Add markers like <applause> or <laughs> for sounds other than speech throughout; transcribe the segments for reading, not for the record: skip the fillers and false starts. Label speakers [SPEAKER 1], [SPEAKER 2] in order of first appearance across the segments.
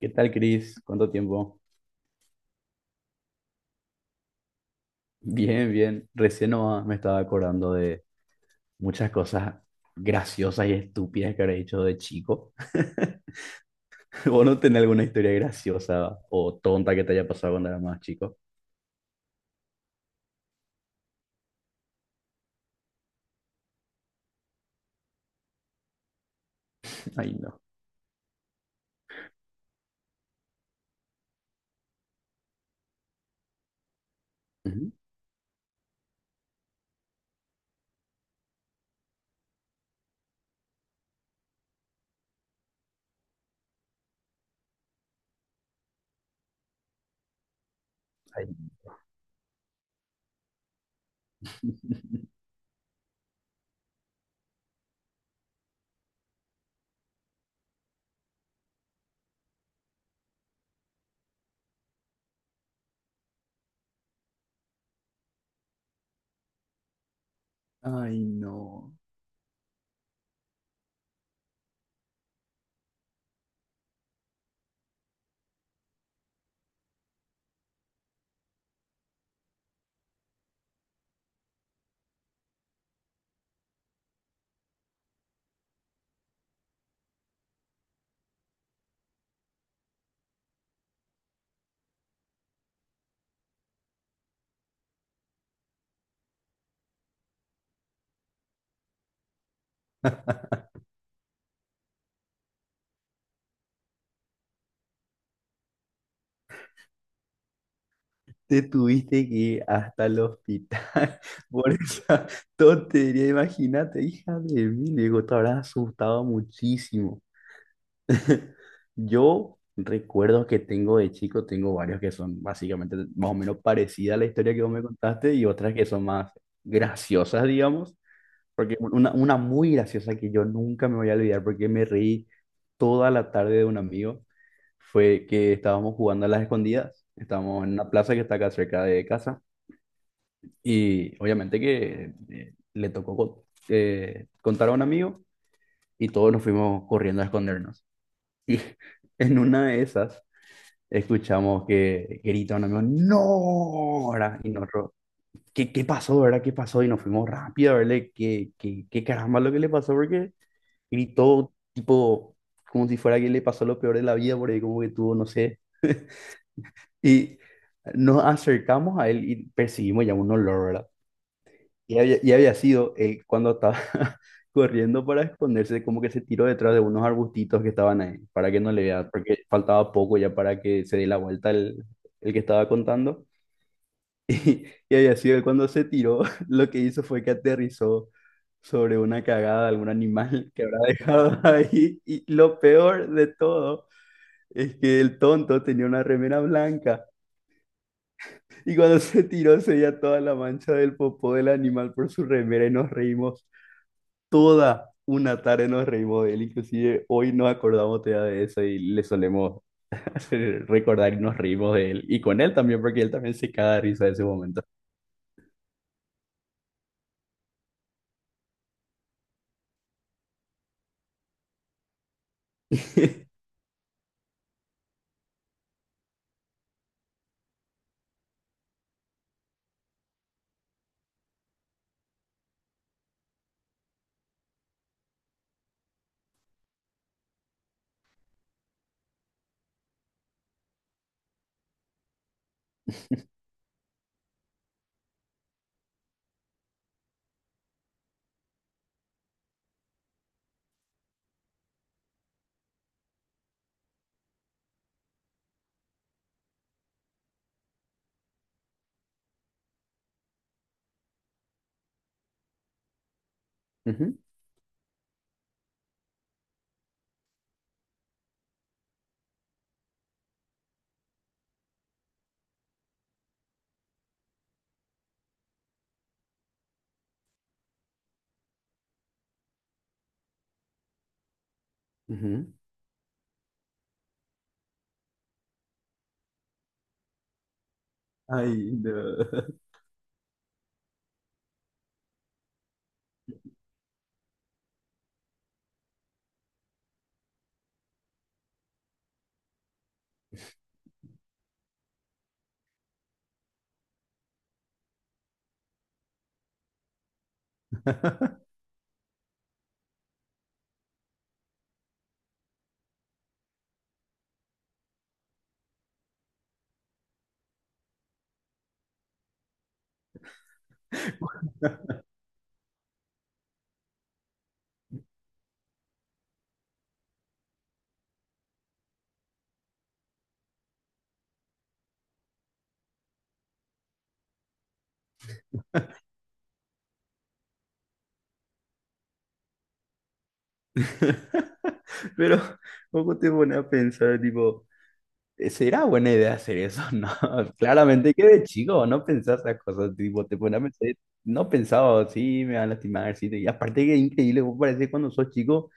[SPEAKER 1] ¿Qué tal, Cris? ¿Cuánto tiempo? Bien, bien. Recién nomás me estaba acordando de muchas cosas graciosas y estúpidas que habré hecho de chico. <laughs> ¿Vos no tenés alguna historia graciosa o tonta que te haya pasado cuando eras más chico? <laughs> Ay, no. Ujú. Ay, <laughs> Ay, no. Te tuviste que ir hasta el hospital <laughs> por esa tontería. Imagínate, hija de mí. Le digo, te habrás asustado muchísimo. <laughs> Yo recuerdo que tengo de chico, tengo varios que son básicamente más o menos parecidas a la historia que vos me contaste y otras que son más graciosas, digamos, porque una muy graciosa que yo nunca me voy a olvidar porque me reí toda la tarde de un amigo fue que estábamos jugando a las escondidas, estábamos en una plaza que está acá cerca de casa y obviamente que le tocó contar a un amigo y todos nos fuimos corriendo a escondernos. Y <laughs> en una de esas escuchamos que grita un amigo, ¡No! ¿Verdad? Y nosotros, ¿qué, qué pasó, verdad? ¿Qué pasó? Y nos fuimos rápido a verle qué, qué, qué caramba lo que le pasó, porque gritó, tipo, como si fuera que le pasó lo peor de la vida, por ahí como que tuvo, no sé. Y nos acercamos a él y percibimos ya un olor, ¿verdad? Y había sido él cuando estaba <laughs> corriendo para esconderse, como que se tiró detrás de unos arbustitos que estaban ahí, para que no le vea, porque faltaba poco ya para que se dé la vuelta el que estaba contando. <laughs> Y Ayazue cuando se tiró, <laughs> lo que hizo fue que aterrizó sobre una cagada de algún animal que habrá <laughs> dejado ahí. Y lo peor de todo es que el tonto tenía una remera blanca. Y cuando <laughs> se tiró se veía toda la mancha del popó del animal por su remera y nos reímos toda una tarde, nos reímos de él. Inclusive hoy nos acordamos todavía de eso y le solemos <laughs> hacer recordar y nos reímos de él. Y con él también, porque él también se caga de risa de ese momento. <laughs> Ujú, ujú. Ay, no. <laughs> Pero poco te pone a pensar, tipo, ¿será buena idea hacer eso? <laughs> No, claramente que de chico no pensás esas cosas, tipo, te pone a pensar, no pensaba, sí, me van a lastimar, sí, y aparte que es increíble, vos parece cuando sos chico,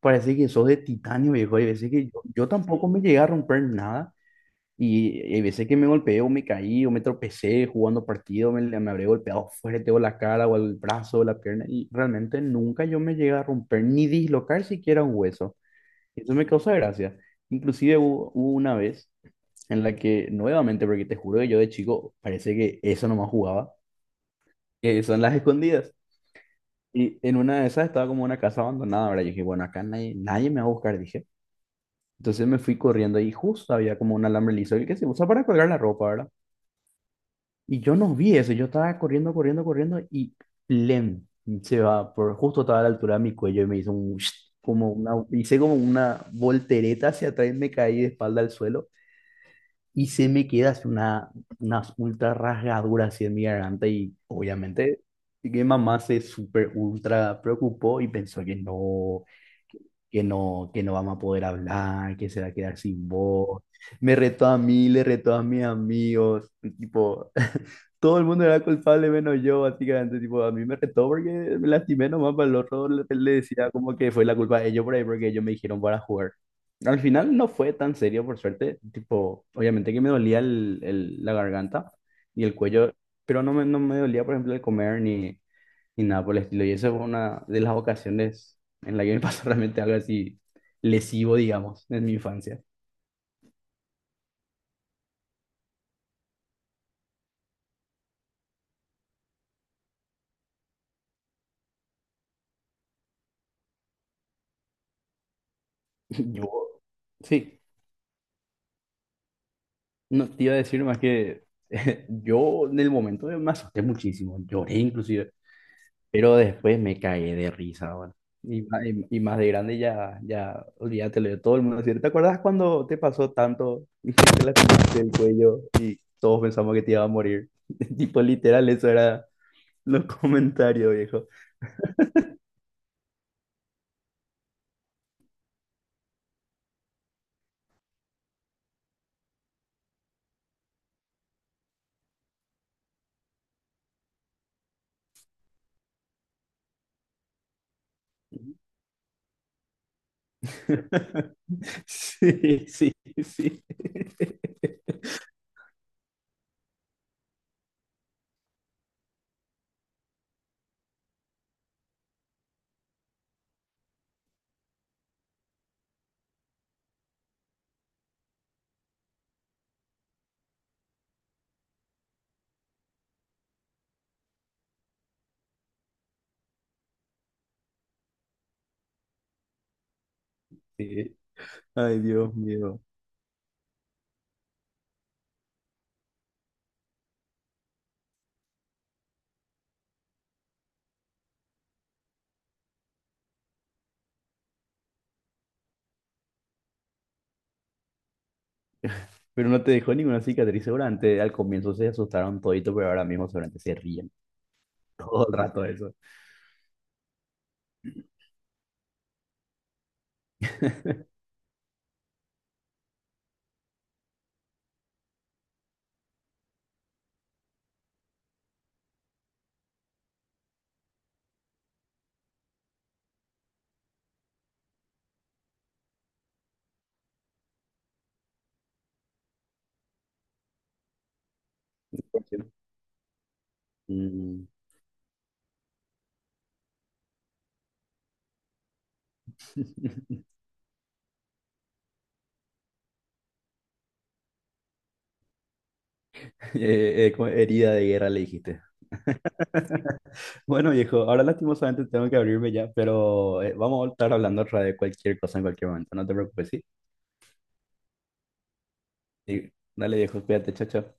[SPEAKER 1] parece que sos de titanio, viejo, y veces que yo tampoco me llegué a romper nada. Y hay veces que me golpeo, me caí o me tropecé jugando partido, me habré golpeado fuerte o la cara o el brazo o la pierna y realmente nunca yo me llegué a romper ni dislocar siquiera un hueso. Eso me causa gracia. Inclusive hubo una vez en la que nuevamente, porque te juro que yo de chico parece que eso nomás jugaba, que son las escondidas. Y en una de esas estaba como una casa abandonada, ¿verdad? Yo dije, bueno, acá nadie, nadie me va a buscar, dije. Entonces me fui corriendo y justo había como un alambre liso, el que se usa para colgar la ropa, ¿verdad? Y yo no vi eso, yo estaba corriendo, corriendo, corriendo y lem, se va, por, justo estaba a la altura de mi cuello y me hizo un, <smacks lips> como una, hice como una voltereta hacia atrás y me caí de espalda al suelo y se me queda así una ultra rasgadura así en mi garganta y obviamente mi mamá se super ultra preocupó y pensó que no, que no vamos a poder hablar, que se va a quedar sin voz. Me retó a mí, le retó a mis amigos, tipo todo el mundo era culpable menos yo, básicamente, tipo, a mí me retó porque me lastimé nomás, para el otro le, le decía como que fue la culpa de ellos por ahí, porque ellos me dijeron para jugar. Al final no fue tan serio, por suerte, tipo, obviamente que me dolía el- la garganta y el cuello, pero no me, no me dolía, por ejemplo, el comer ni, ni nada por el estilo, y esa fue una de las ocasiones en la que me pasó <laughs> realmente algo así lesivo, digamos, en mi infancia. <laughs> Yo, sí. No te iba a decir más que <laughs> yo en el momento me asusté muchísimo, lloré inclusive, pero después me cagué de risa, bueno. Y, y más de grande ya, ya, olvídate lo de todo el mundo. Decía, ¿te acuerdas cuando te pasó tanto <laughs> y que te lastimaste el cuello y todos pensamos que te iba a morir? <laughs> Tipo, literal, eso era los comentarios, viejo. <laughs> Sí, sí, sí. <laughs> Sí. Ay, Dios mío. Pero no te dejó ninguna cicatriz, seguramente al comienzo se asustaron todito, pero ahora mismo seguramente se ríen <laughs> todo el rato de eso. <laughs> Mm. <laughs> Como herida de guerra le dijiste. <laughs> Bueno, viejo, ahora lastimosamente tengo que abrirme ya, pero vamos a estar hablando otra de cualquier cosa en cualquier momento, no te preocupes, ¿sí? Sí. Dale, viejo, cuídate, chao, chao.